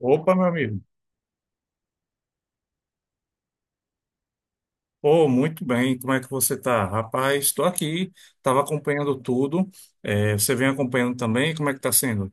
Opa, meu amigo. Oh, muito bem. Como é que você tá? Rapaz, estou aqui, estava acompanhando tudo. Você vem acompanhando também? Como é que está sendo?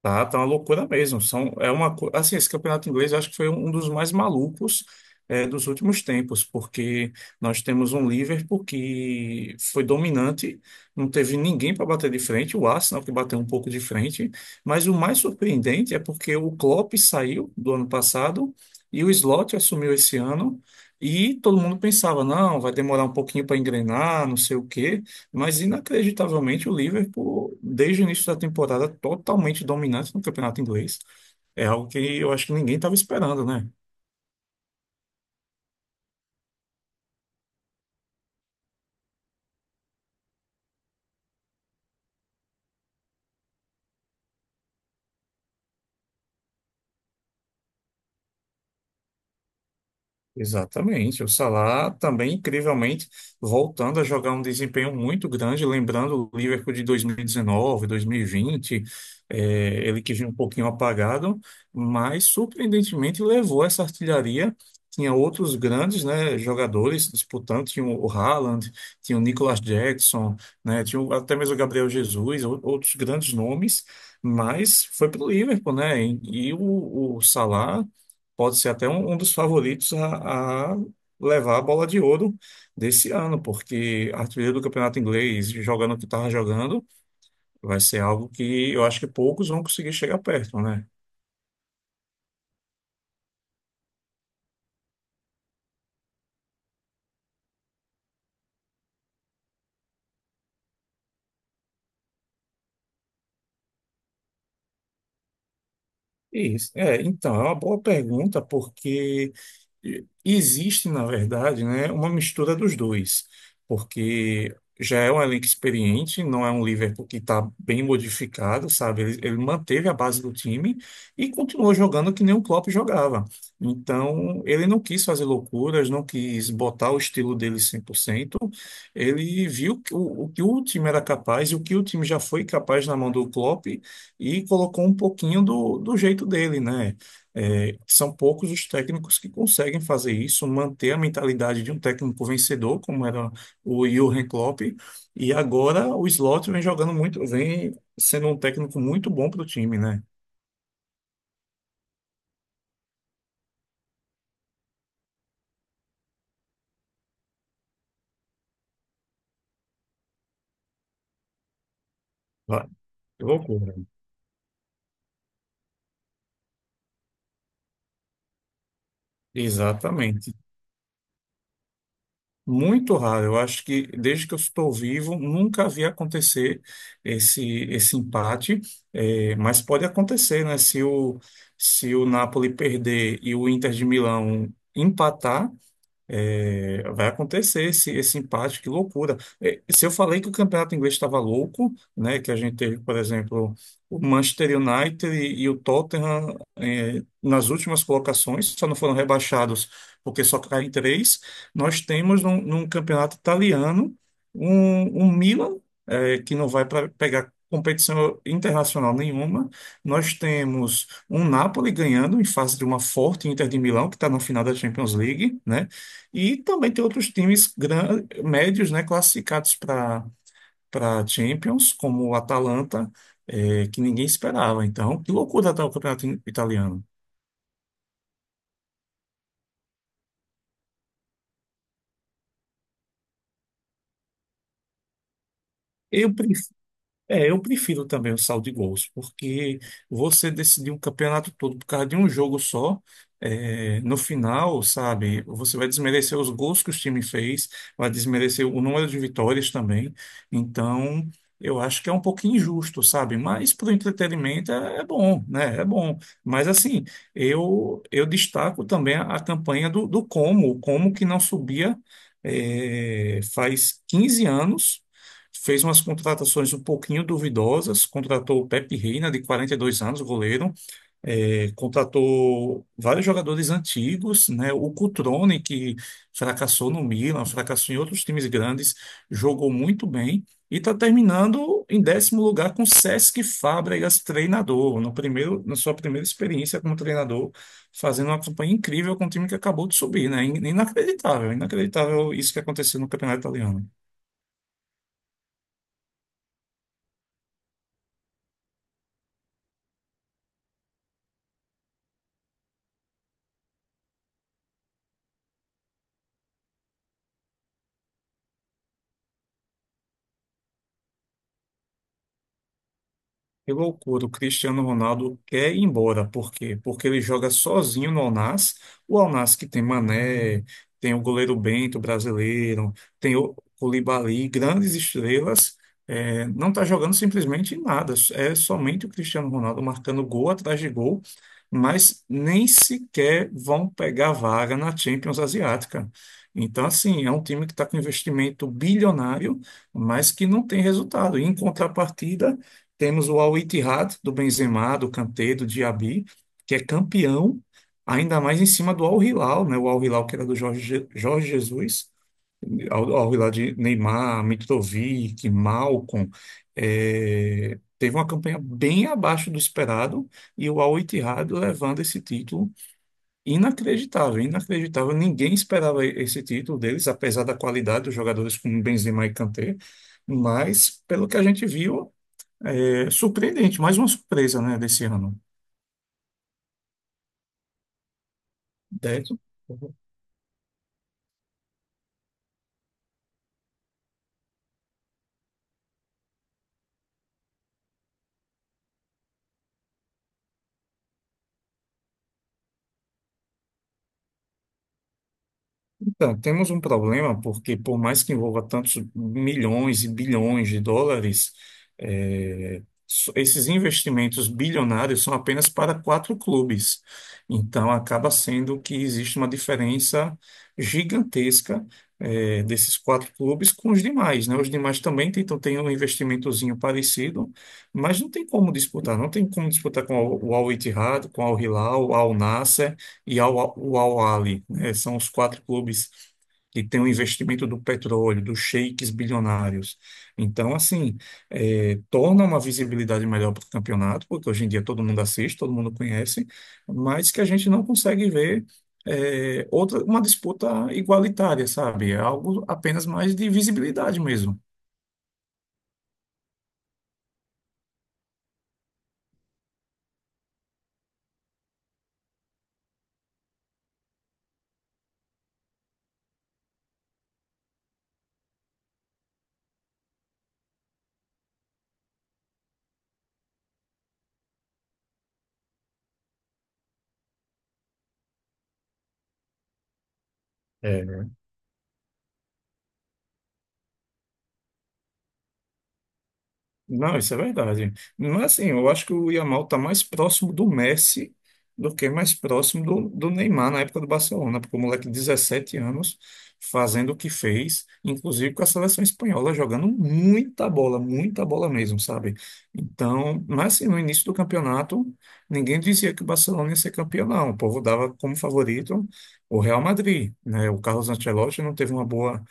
Tá, uma loucura mesmo. São, é uma, co- Assim, esse campeonato inglês eu acho que foi um dos mais malucos dos últimos tempos, porque nós temos um Liverpool que foi dominante, não teve ninguém para bater de frente, o Arsenal que bateu um pouco de frente, mas o mais surpreendente é porque o Klopp saiu do ano passado e o Slot assumiu esse ano, e todo mundo pensava, não, vai demorar um pouquinho para engrenar, não sei o quê. Mas inacreditavelmente o Liverpool, desde o início da temporada, totalmente dominante no campeonato inglês. É algo que eu acho que ninguém estava esperando, né? Exatamente. O Salah também, incrivelmente, voltando a jogar um desempenho muito grande, lembrando o Liverpool de 2019, 2020, ele que vinha um pouquinho apagado, mas surpreendentemente levou essa artilharia. Tinha outros grandes, né, jogadores disputando, tinha o Haaland, tinha o Nicolas Jackson, né, até mesmo o Gabriel Jesus, outros grandes nomes, mas foi para o Liverpool, né? E o Salah pode ser até um dos favoritos a levar a bola de ouro desse ano, porque artilheiro do campeonato inglês, jogando o que estava jogando, vai ser algo que eu acho que poucos vão conseguir chegar perto, né? Isso. É, então, é uma boa pergunta, porque existe, na verdade, né, uma mistura dos dois, porque já é um elenco experiente, não é um Liverpool que está bem modificado, sabe? Ele manteve a base do time e continuou jogando que nem o Klopp jogava. Então, ele não quis fazer loucuras, não quis botar o estilo dele 100%. Ele viu que o que o time era capaz e o que o time já foi capaz na mão do Klopp e colocou um pouquinho do jeito dele, né? É, são poucos os técnicos que conseguem fazer isso, manter a mentalidade de um técnico vencedor, como era o Jürgen Klopp, e agora o Slot vem jogando muito, vem sendo um técnico muito bom para o time, né? Vai. Que loucura. Exatamente. Muito raro. Eu acho que desde que eu estou vivo, nunca vi acontecer esse, esse empate. É, mas pode acontecer, né? Se o Napoli perder e o Inter de Milão empatar, é, vai acontecer esse empate, que loucura. É, se eu falei que o campeonato inglês estava louco, né, que a gente teve, por exemplo, o Manchester United e o Tottenham, é, nas últimas colocações, só não foram rebaixados porque só caem três, nós temos num campeonato italiano um Milan, é, que não vai para pegar competição internacional nenhuma. Nós temos um Napoli ganhando em face de uma forte Inter de Milão, que está na final da Champions League, né? E também tem outros times médios, né, classificados para Champions, como o Atalanta, que ninguém esperava. Então, que loucura tá o campeonato italiano. Eu É, eu prefiro também o saldo de gols, porque você decidir um campeonato todo por causa de um jogo só, é, no final, sabe, você vai desmerecer os gols que o time fez, vai desmerecer o número de vitórias também. Então, eu acho que é um pouquinho injusto, sabe? Mas para o entretenimento é bom, né? É bom. Mas assim, eu destaco também a campanha do Como, o Como que não subia, é, faz 15 anos. Fez umas contratações um pouquinho duvidosas, contratou o Pepe Reina, de 42 anos, goleiro, é, contratou vários jogadores antigos, né? O Cutrone, que fracassou no Milan, fracassou em outros times grandes, jogou muito bem e está terminando em décimo lugar com Cesc Fábregas, treinador, no primeiro, na sua primeira experiência como treinador, fazendo uma campanha incrível com um time que acabou de subir, né? Inacreditável, inacreditável isso que aconteceu no Campeonato Italiano. Que loucura, o Cristiano Ronaldo quer ir embora. Por quê? Porque ele joga sozinho no Al Nassr. O Al Nassr que tem Mané, tem o goleiro Bento brasileiro, tem o Koulibaly, grandes estrelas, é, não está jogando simplesmente nada. É somente o Cristiano Ronaldo marcando gol atrás de gol, mas nem sequer vão pegar vaga na Champions Asiática. Então, assim, é um time que está com investimento bilionário, mas que não tem resultado. E, em contrapartida, temos o Al-Ittihad do Benzema, do Kanté, do Diaby, que é campeão, ainda mais em cima do Al-Hilal, né? O Al-Hilal que era do Jorge Jesus, Al-Hilal de Neymar, Mitrovic, Malcom. Teve uma campanha bem abaixo do esperado e o Al-Ittihad levando esse título inacreditável, inacreditável. Ninguém esperava esse título deles, apesar da qualidade dos jogadores como Benzema e Kanté, mas pelo que a gente viu. É surpreendente, mais uma surpresa, né, desse ano. 10. Então, temos um problema porque, por mais que envolva tantos milhões e bilhões de dólares, esses investimentos bilionários são apenas para quatro clubes. Então, acaba sendo que existe uma diferença gigantesca, desses quatro clubes com os demais, né? Os demais também tentam ter um investimentozinho parecido, mas não tem como disputar. Não tem como disputar com o Al Ittihad, com o Al Hilal, o Al Nasser o Al Ahly. É, são os quatro clubes que têm o investimento do petróleo, dos sheiks bilionários. Então, assim, é, torna uma visibilidade melhor para o campeonato, porque hoje em dia todo mundo assiste, todo mundo conhece, mas que a gente não consegue ver uma disputa igualitária, sabe? É algo apenas mais de visibilidade mesmo. Não, isso é verdade. Mas assim, eu acho que o Yamal está mais próximo do Messi do que mais próximo do Neymar na época do Barcelona, porque o moleque de 17 anos fazendo o que fez, inclusive com a seleção espanhola, jogando muita bola mesmo, sabe? Então, mas assim, no início do campeonato, ninguém dizia que o Barcelona ia ser campeão, não. O povo dava como favorito o Real Madrid, né? O Carlos Ancelotti não teve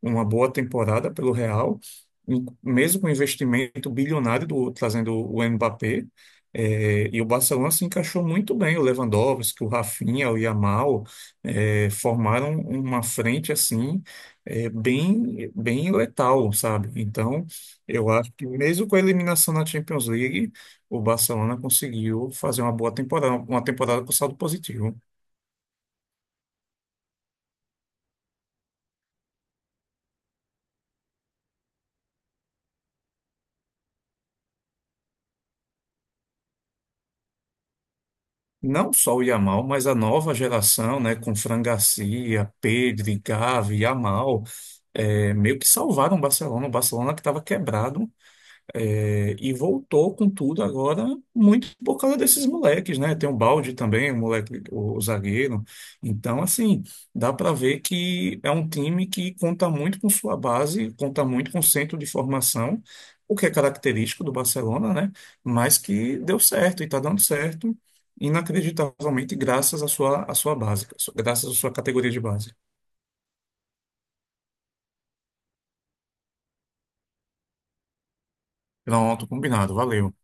uma boa temporada pelo Real mesmo com o investimento bilionário do trazendo o Mbappé, e o Barcelona se encaixou muito bem. O Lewandowski, o Rafinha, o Yamal, formaram uma frente assim, bem letal, sabe? Então, eu acho que mesmo com a eliminação na Champions League, o Barcelona conseguiu fazer uma boa temporada, uma temporada com saldo positivo. Não só o Yamal, mas a nova geração, né, com Fran Garcia, Pedri, Gavi, Yamal, meio que salvaram o Barcelona. O Barcelona que estava quebrado é, e voltou com tudo agora, muito por causa desses moleques, né? Tem um Balde também, o moleque, o zagueiro. Então, assim, dá para ver que é um time que conta muito com sua base, conta muito com o centro de formação, o que é característico do Barcelona, né? Mas que deu certo e está dando certo, inacreditavelmente, graças à sua base, graças à sua categoria de base. Pronto, combinado, valeu.